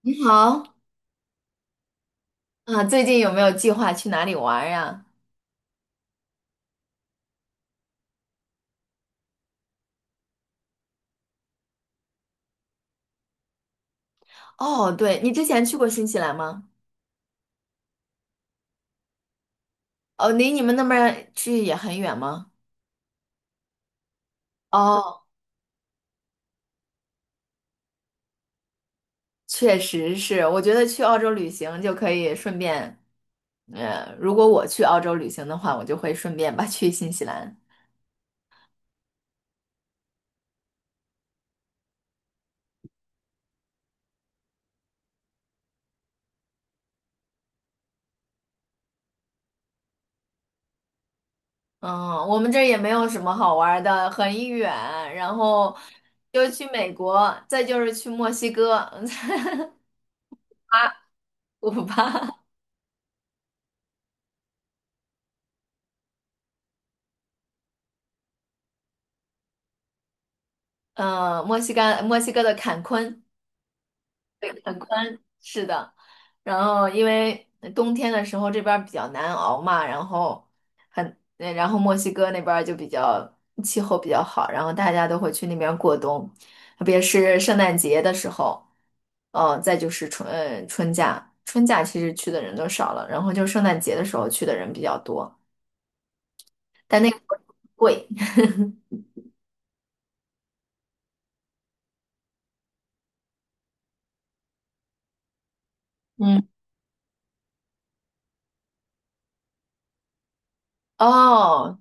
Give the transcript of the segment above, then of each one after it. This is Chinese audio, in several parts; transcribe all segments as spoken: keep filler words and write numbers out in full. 你好。啊，最近有没有计划去哪里玩儿呀？哦，对，你之前去过新西兰吗？哦，离你们那边儿去也很远吗？哦，确实是，我觉得去澳洲旅行就可以顺便，呃，如果我去澳洲旅行的话，我就会顺便吧去新西兰。嗯，我们这儿也没有什么好玩儿的，很远，然后就去美国，再就是去墨西哥，啊古巴。嗯，墨西哥，墨西哥的坎昆。对，很宽，是的。然后因为冬天的时候这边儿比较难熬嘛，然后很，呃然后墨西哥那边儿就比较气候比较好，然后大家都会去那边过冬，特别是圣诞节的时候，哦，再就是春，呃，春假，春假其实去的人都少了，然后就圣诞节的时候去的人比较多，但那个时候贵。嗯。哦。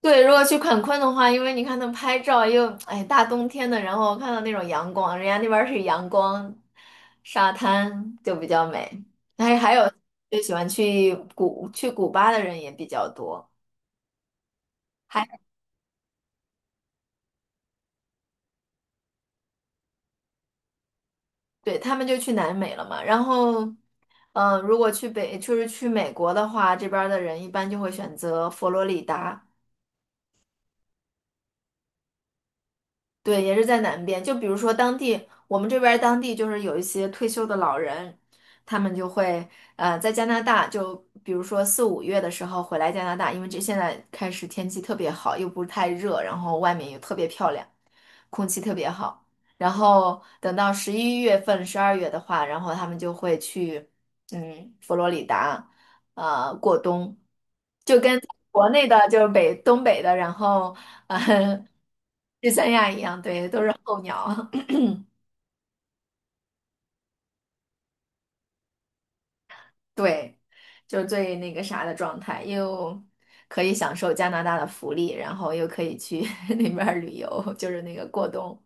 对，如果去坎昆的话，因为你看他们拍照又，哎，大冬天的，然后看到那种阳光，人家那边儿是阳光沙滩，就比较美。还还有就喜欢去古去古巴的人也比较多。还对他们就去南美了嘛。然后，嗯、如果去北就是去美国的话，这边儿的人一般就会选择佛罗里达。对，也是在南边。就比如说当地，我们这边儿当地就是有一些退休的老人，他们就会呃在加拿大，就比如说四五月的时候回来加拿大，因为这现在开始天气特别好，又不是太热，然后外面又特别漂亮，空气特别好。然后等到十一月份、十二月的话，然后他们就会去嗯佛罗里达，呃过冬，就跟国内的就是北东北的，然后。呃 去三亚一样，对，都是候鸟。对，就是最那个啥的状态，又可以享受加拿大的福利，然后又可以去 那边儿旅游，就是那个过冬。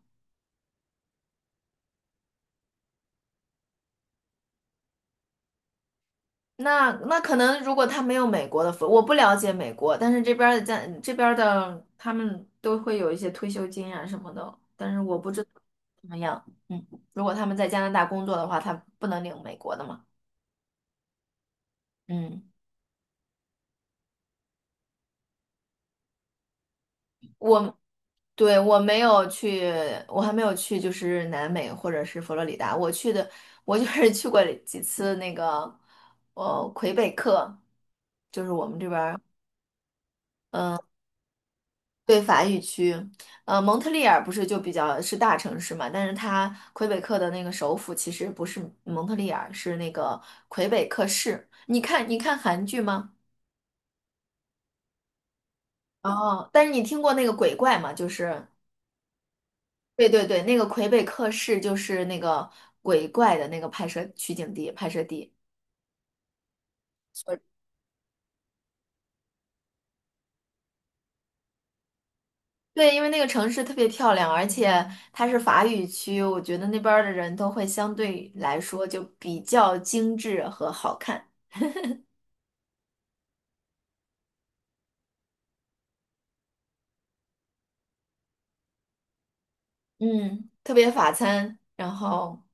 那那可能如果他没有美国的福，我不了解美国，但是这边儿的加这边儿的他们都会有一些退休金啊什么的，但是我不知道怎么样。嗯，如果他们在加拿大工作的话，他不能领美国的嘛。嗯。我。对，我没有去，我还没有去，就是南美或者是佛罗里达。我去的，我就是去过几次那个，呃，魁北克，就是我们这边儿对法语区。呃，蒙特利尔不是就比较是大城市嘛，但是它魁北克的那个首府其实不是蒙特利尔，是那个魁北克市。你看，你看，韩剧吗？哦，但是你听过那个鬼怪吗？就是。对对对，那个魁北克市就是那个鬼怪的那个拍摄取景地、拍摄地。所对，因为那个城市特别漂亮，而且它是法语区，我觉得那边儿的人都会相对来说就比较精致和好看。嗯，特别法餐，然后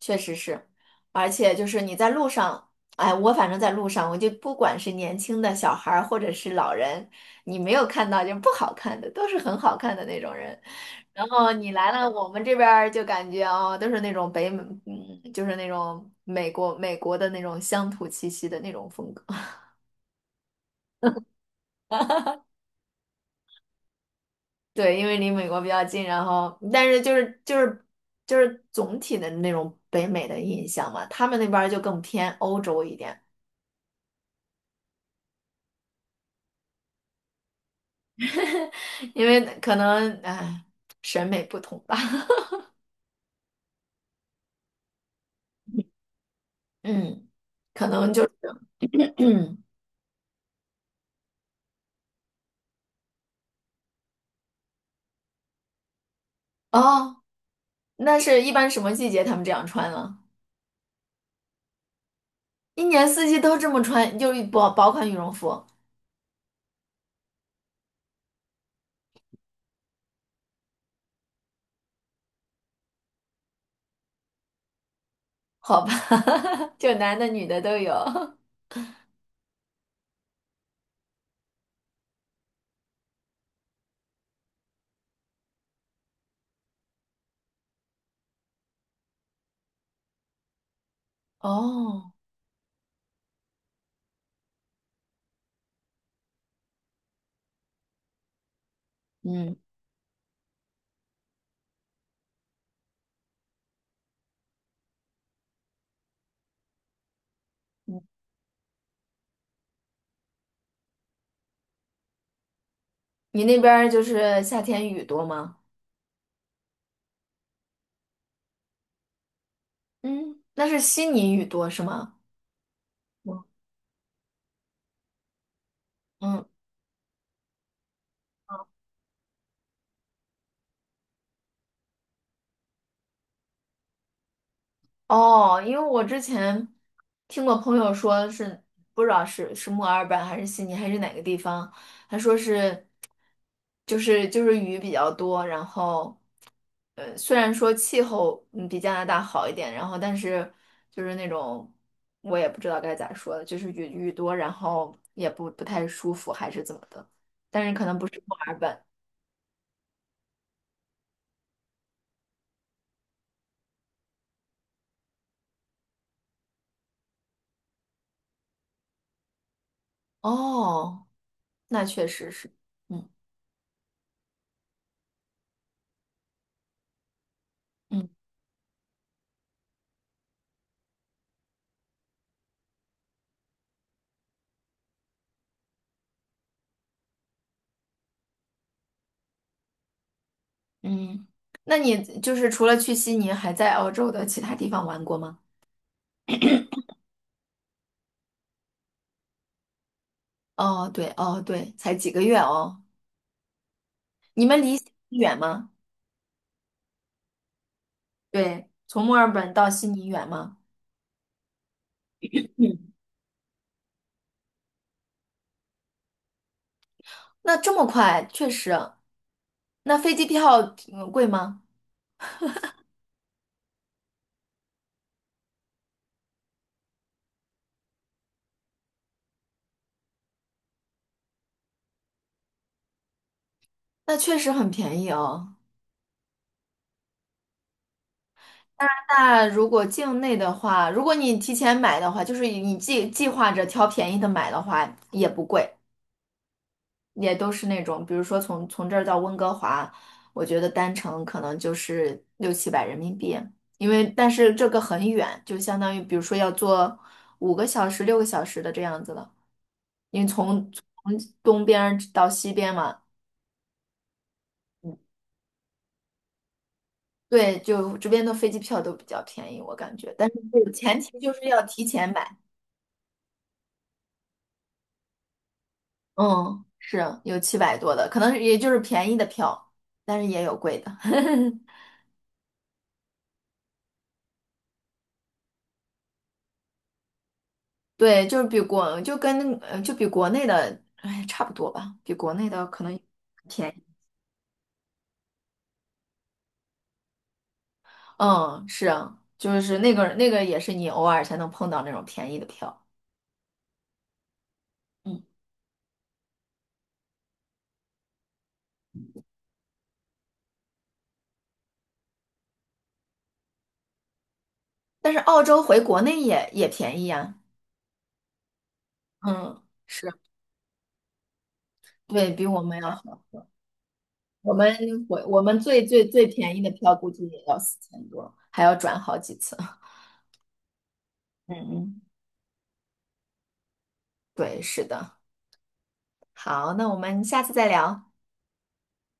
确实是，而且就是你在路上，哎，我反正在路上，我就不管是年轻的小孩儿或者是老人，你没有看到就不好看的，都是很好看的那种人。然后你来了，我们这边儿就感觉哦，都是那种北美，嗯，就是那种美国美国的那种乡土气息的那种风格。对，因为离美国比较近，然后但是就是就是就是总体的那种北美的印象嘛，他们那边儿就更偏欧洲一点，因为可能哎审美不同吧。嗯，可能就是。 哦，那是一般什么季节他们这样穿呢？一年四季都这么穿，就是薄薄款羽绒服。好吧。就男的女的都有。哦，嗯，嗯你那边儿就是夏天雨多吗？嗯，那是悉尼雨多是吗？嗯嗯哦，因为我之前听过朋友说是不知道是是墨尔本还是悉尼还是哪个地方，他说是就是就是雨比较多，然后呃虽然说气候嗯比加拿大好一点，然后但是就是那种我也不知道该咋说了，就是雨雨多，然后也不不太舒服还是怎么的，但是可能不是墨尔本哦，那确实是，嗯嗯。嗯，那你就是除了去悉尼，还在澳洲的其他地方玩过吗？哦，对，哦，对，才几个月哦。你们离悉尼远吗？对，从墨尔本到悉尼远吗？嗯，那这么快，确实。那飞机票嗯贵吗？那确实很便宜哦。那如果境内的话，如果你提前买的话，就是你计计划着挑便宜的买的话，也不贵。也都是那种，比如说从从这儿到温哥华，我觉得单程可能就是六七百人民币，因为但是这个很远，就相当于比如说要坐五个小时、六个小时的这样子了，因为从从东边儿到西边嘛，嗯对，就这边的飞机票都比较便宜，我感觉，但是这个前提就是要提前买，嗯，是有七百多的，可能也就是便宜的票，但是也有贵的。对，就是比国就跟呃就比国内的哎差不多吧，比国内的可能便宜。嗯，是啊，就是那个那个也是你偶尔才能碰到那种便宜的票。嗯，但是澳洲回国内也也便宜呀。嗯，是啊对，比我们要好。我们我我们最最最便宜的票估计也要四千多，还要转好几次。嗯嗯，对，是的。好，那我们下次再聊，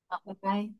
拜拜。